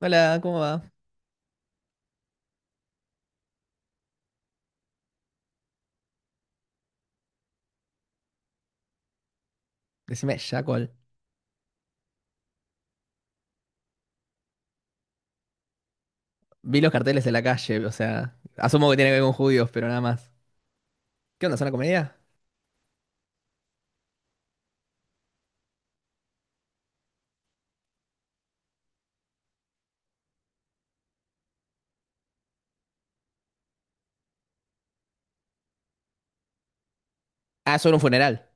Hola, ¿cómo va? Decime, Jackal. Vi los carteles de la calle, o sea, asumo que tiene que ver con judíos, pero nada más. ¿Qué onda? ¿Es una comedia? Ah, sobre un funeral.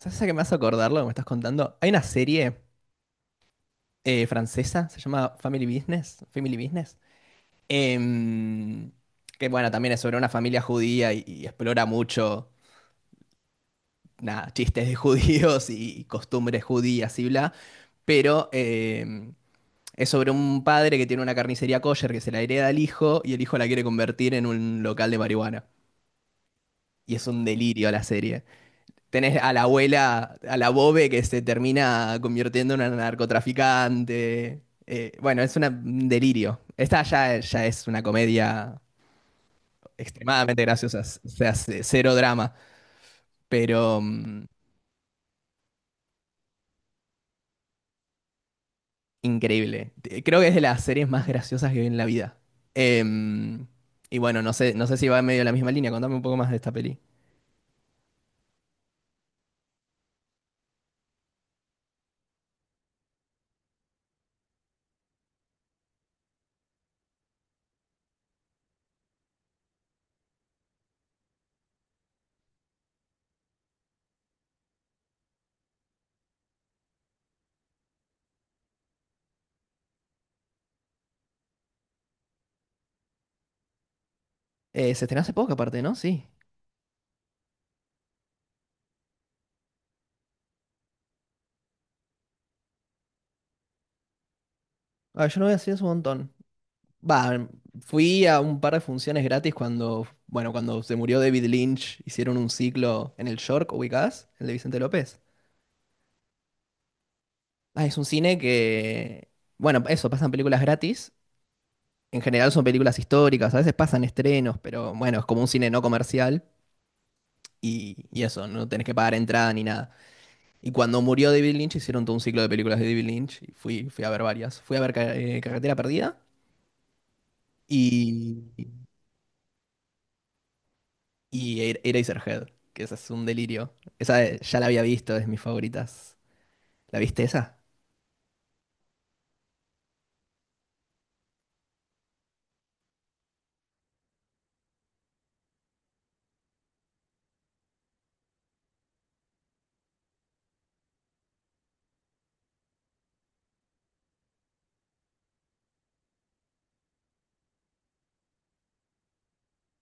¿Sabes a qué me hace acordar lo que me estás contando? Hay una serie francesa, se llama Family Business, Family Business, em, que bueno, también es sobre una familia judía y explora mucho, nada, chistes de judíos y costumbres judías y bla, pero es sobre un padre que tiene una carnicería kosher que se la hereda al hijo y el hijo la quiere convertir en un local de marihuana. Y es un delirio la serie. Tenés a la abuela, a la Bobe que se termina convirtiendo en una narcotraficante. Bueno, es un delirio. Esta ya es una comedia extremadamente graciosa, o sea, cero drama, pero increíble. Creo que es de las series más graciosas que vi en la vida. Em, y bueno, no sé, no sé si va en medio de la misma línea. Contame un poco más de esta peli. Se estrenó hace poco, aparte, ¿no? Sí. Ah, yo no voy así hace un montón. Va, fui a un par de funciones gratis cuando, bueno, cuando se murió David Lynch, hicieron un ciclo en el York, ubicás, el de Vicente López. Ah, es un cine que, bueno, eso, pasan películas gratis. En general son películas históricas, a veces pasan estrenos, pero bueno, es como un cine no comercial y eso, no tenés que pagar entrada ni nada. Y cuando murió David Lynch, hicieron todo un ciclo de películas de David Lynch y fui a ver varias. Fui a ver Carretera Perdida y... Y Eraserhead, que esa es un delirio. Esa ya la había visto, es de mis favoritas. ¿La viste esa?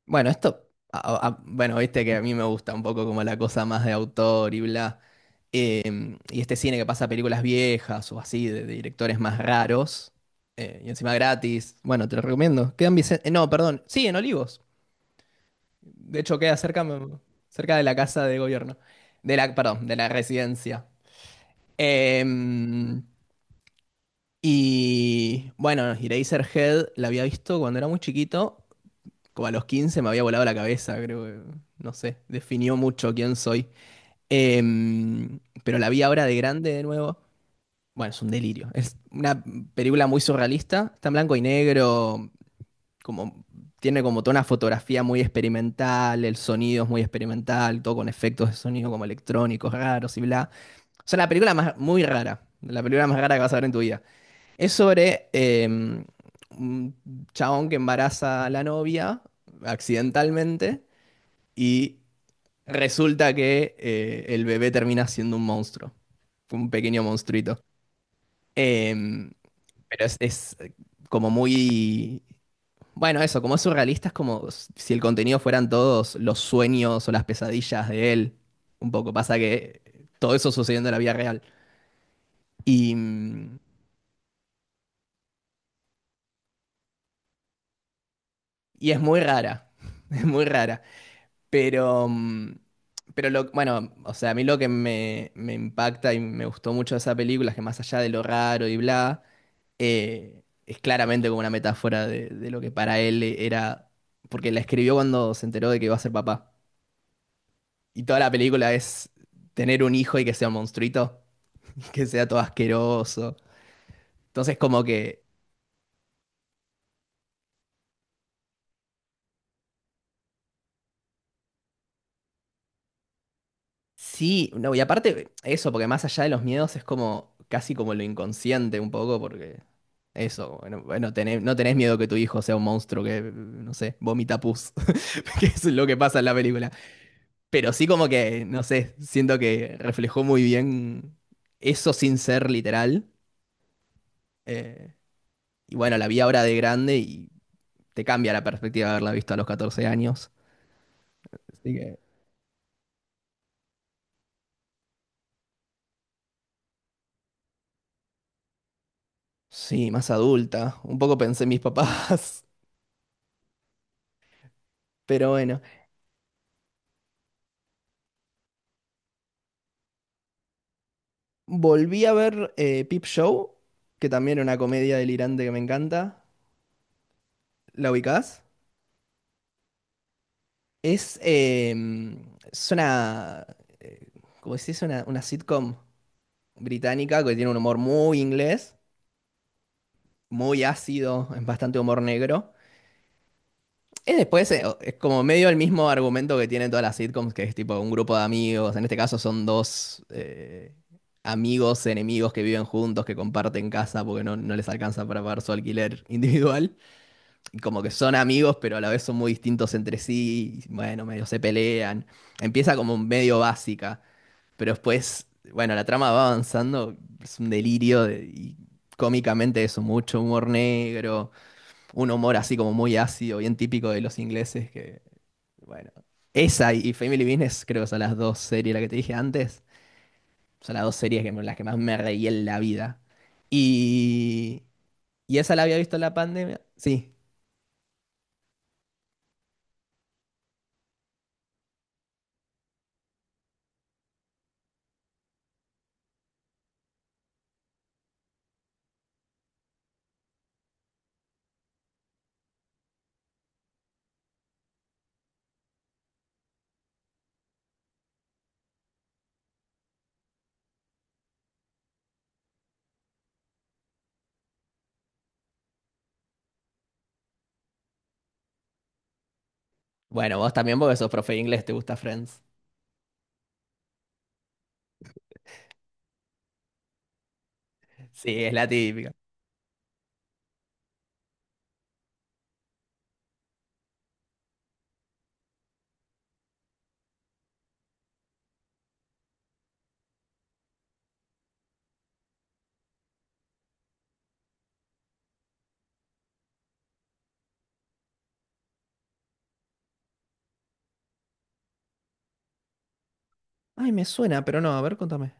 Bueno, esto, bueno, viste que a mí me gusta un poco como la cosa más de autor y bla. Y este cine que pasa películas viejas o así, de directores más raros, y encima gratis. Bueno, te lo recomiendo. Quedan Vicente. No, perdón. Sí, en Olivos. De hecho, queda cerca, cerca de la casa de gobierno. Perdón, de la residencia. Em, Y bueno, Eraserhead la había visto cuando era muy chiquito, como a los 15 me había volado la cabeza, creo que, no sé, definió mucho quién soy. Pero la vi ahora de grande de nuevo. Bueno, es un delirio. Es una película muy surrealista, está en blanco y negro, como tiene como toda una fotografía muy experimental, el sonido es muy experimental, todo con efectos de sonido como electrónicos raros y bla. O sea, muy rara, la película más rara que vas a ver en tu vida. Es sobre un chabón que embaraza a la novia accidentalmente y resulta que el bebé termina siendo un monstruo, un pequeño monstruito. Eh, es como muy. Bueno, eso, como es surrealista, es como si el contenido fueran todos los sueños o las pesadillas de él. Un poco pasa que todo eso sucediendo en la vida real. Y, mm, y es muy rara, es muy rara. Pero, mm, bueno, o sea, a mí lo que me impacta y me gustó mucho de esa película es que más allá de lo raro y bla, es claramente como una metáfora de lo que para él era, porque la escribió cuando se enteró de que iba a ser papá. Y toda la película es tener un hijo y que sea un monstruito, que sea todo asqueroso. Entonces como que sí, no, y aparte eso, porque más allá de los miedos es como casi como lo inconsciente un poco, porque eso, bueno, no tenés miedo que tu hijo sea un monstruo que, no sé, vomita pus, que es lo que pasa en la película. Pero sí como que, no sé, siento que reflejó muy bien eso sin ser literal. eh, y bueno, la vi ahora de grande y te cambia la perspectiva de haberla visto a los 14 años. Así que sí, más adulta. Un poco pensé en mis papás, pero bueno. Volví a ver Peep Show, que también era una comedia delirante que me encanta. ¿La ubicás? Es, eh, es una, eh, ¿Cómo decís? Una sitcom británica que tiene un humor muy inglés, muy ácido, es bastante humor negro. Es después, es como medio el mismo argumento que tienen todas las sitcoms, que es tipo un grupo de amigos. En este caso son dos amigos, enemigos que viven juntos, que comparten casa porque no, no les alcanza para pagar su alquiler individual. Como que son amigos, pero a la vez son muy distintos entre sí, y, bueno, medio se pelean. Empieza como medio básica, pero después, bueno, la trama va avanzando, es un delirio de- y cómicamente eso, mucho humor negro, un humor así como muy ácido, bien típico de los ingleses, que, bueno, esa y Family Business creo que son las dos series, la que te dije antes, son las dos series que, las que más me reí en la vida. Y, y esa la había visto en la pandemia, sí. Bueno, vos también porque sos profe de inglés, te gusta Friends. Sí, es la típica. Ay, me suena, pero no, a ver, contame.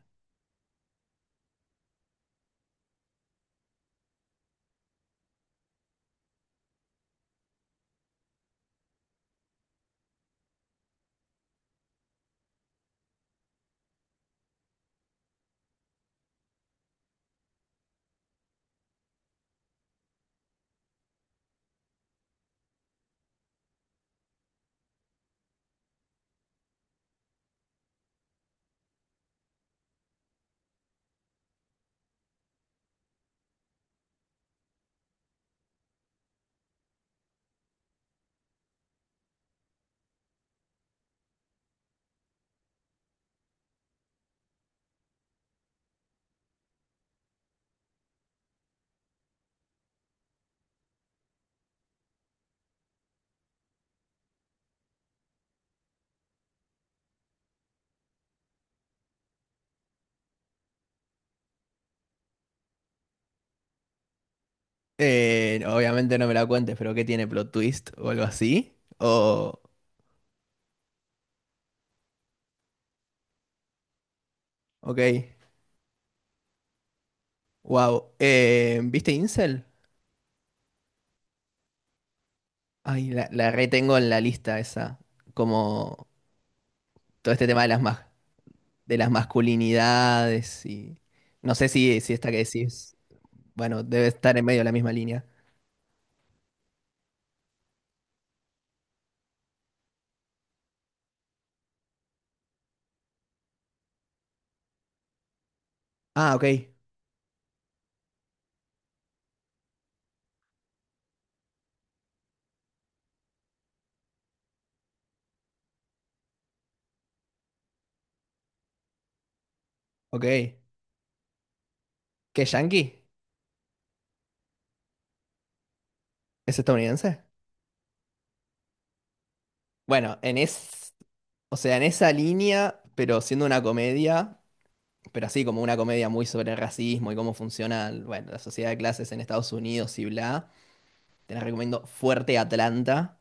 Obviamente no me la cuentes, pero ¿qué tiene plot twist o algo así? O, ok, wow. ¿Viste Incel? Ay, la retengo en la lista esa, como todo este tema de las, de las masculinidades y no sé si esta que decís, bueno, debe estar en medio de la misma línea. Ah, ok, ok. ¿Qué, yankee? ¿Es estadounidense? Bueno, en es. O sea, en esa línea, pero siendo una comedia, pero así como una comedia muy sobre el racismo y cómo funciona, bueno, la sociedad de clases en Estados Unidos y bla, te la recomiendo fuerte Atlanta.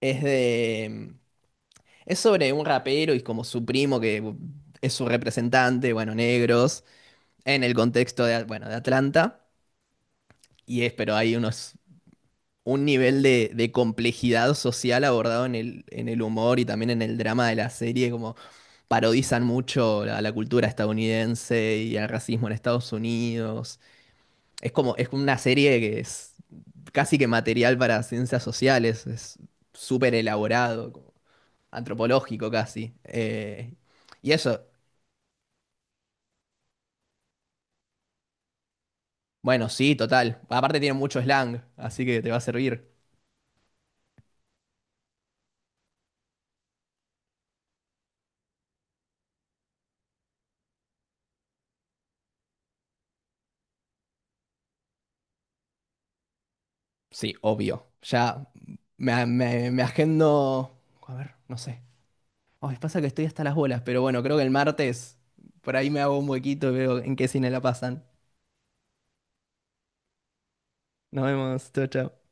Es de... Es sobre un rapero y como su primo que es su representante, bueno, negros, en el contexto de, bueno, de Atlanta. Y es, pero hay unos un nivel de complejidad social abordado en el humor y también en el drama de la serie, como parodizan mucho la, la cultura estadounidense y el racismo en Estados Unidos. Es como, es una serie que es casi que material para ciencias sociales, es súper elaborado, como antropológico casi. Y eso, bueno, sí, total. Aparte tiene mucho slang, así que te va a servir. Sí, obvio. Ya me agendo. A ver, no sé. Ay, pasa que estoy hasta las bolas, pero bueno, creo que el martes por ahí me hago un huequito y veo en qué cine la pasan. Nos vemos, chao, chao.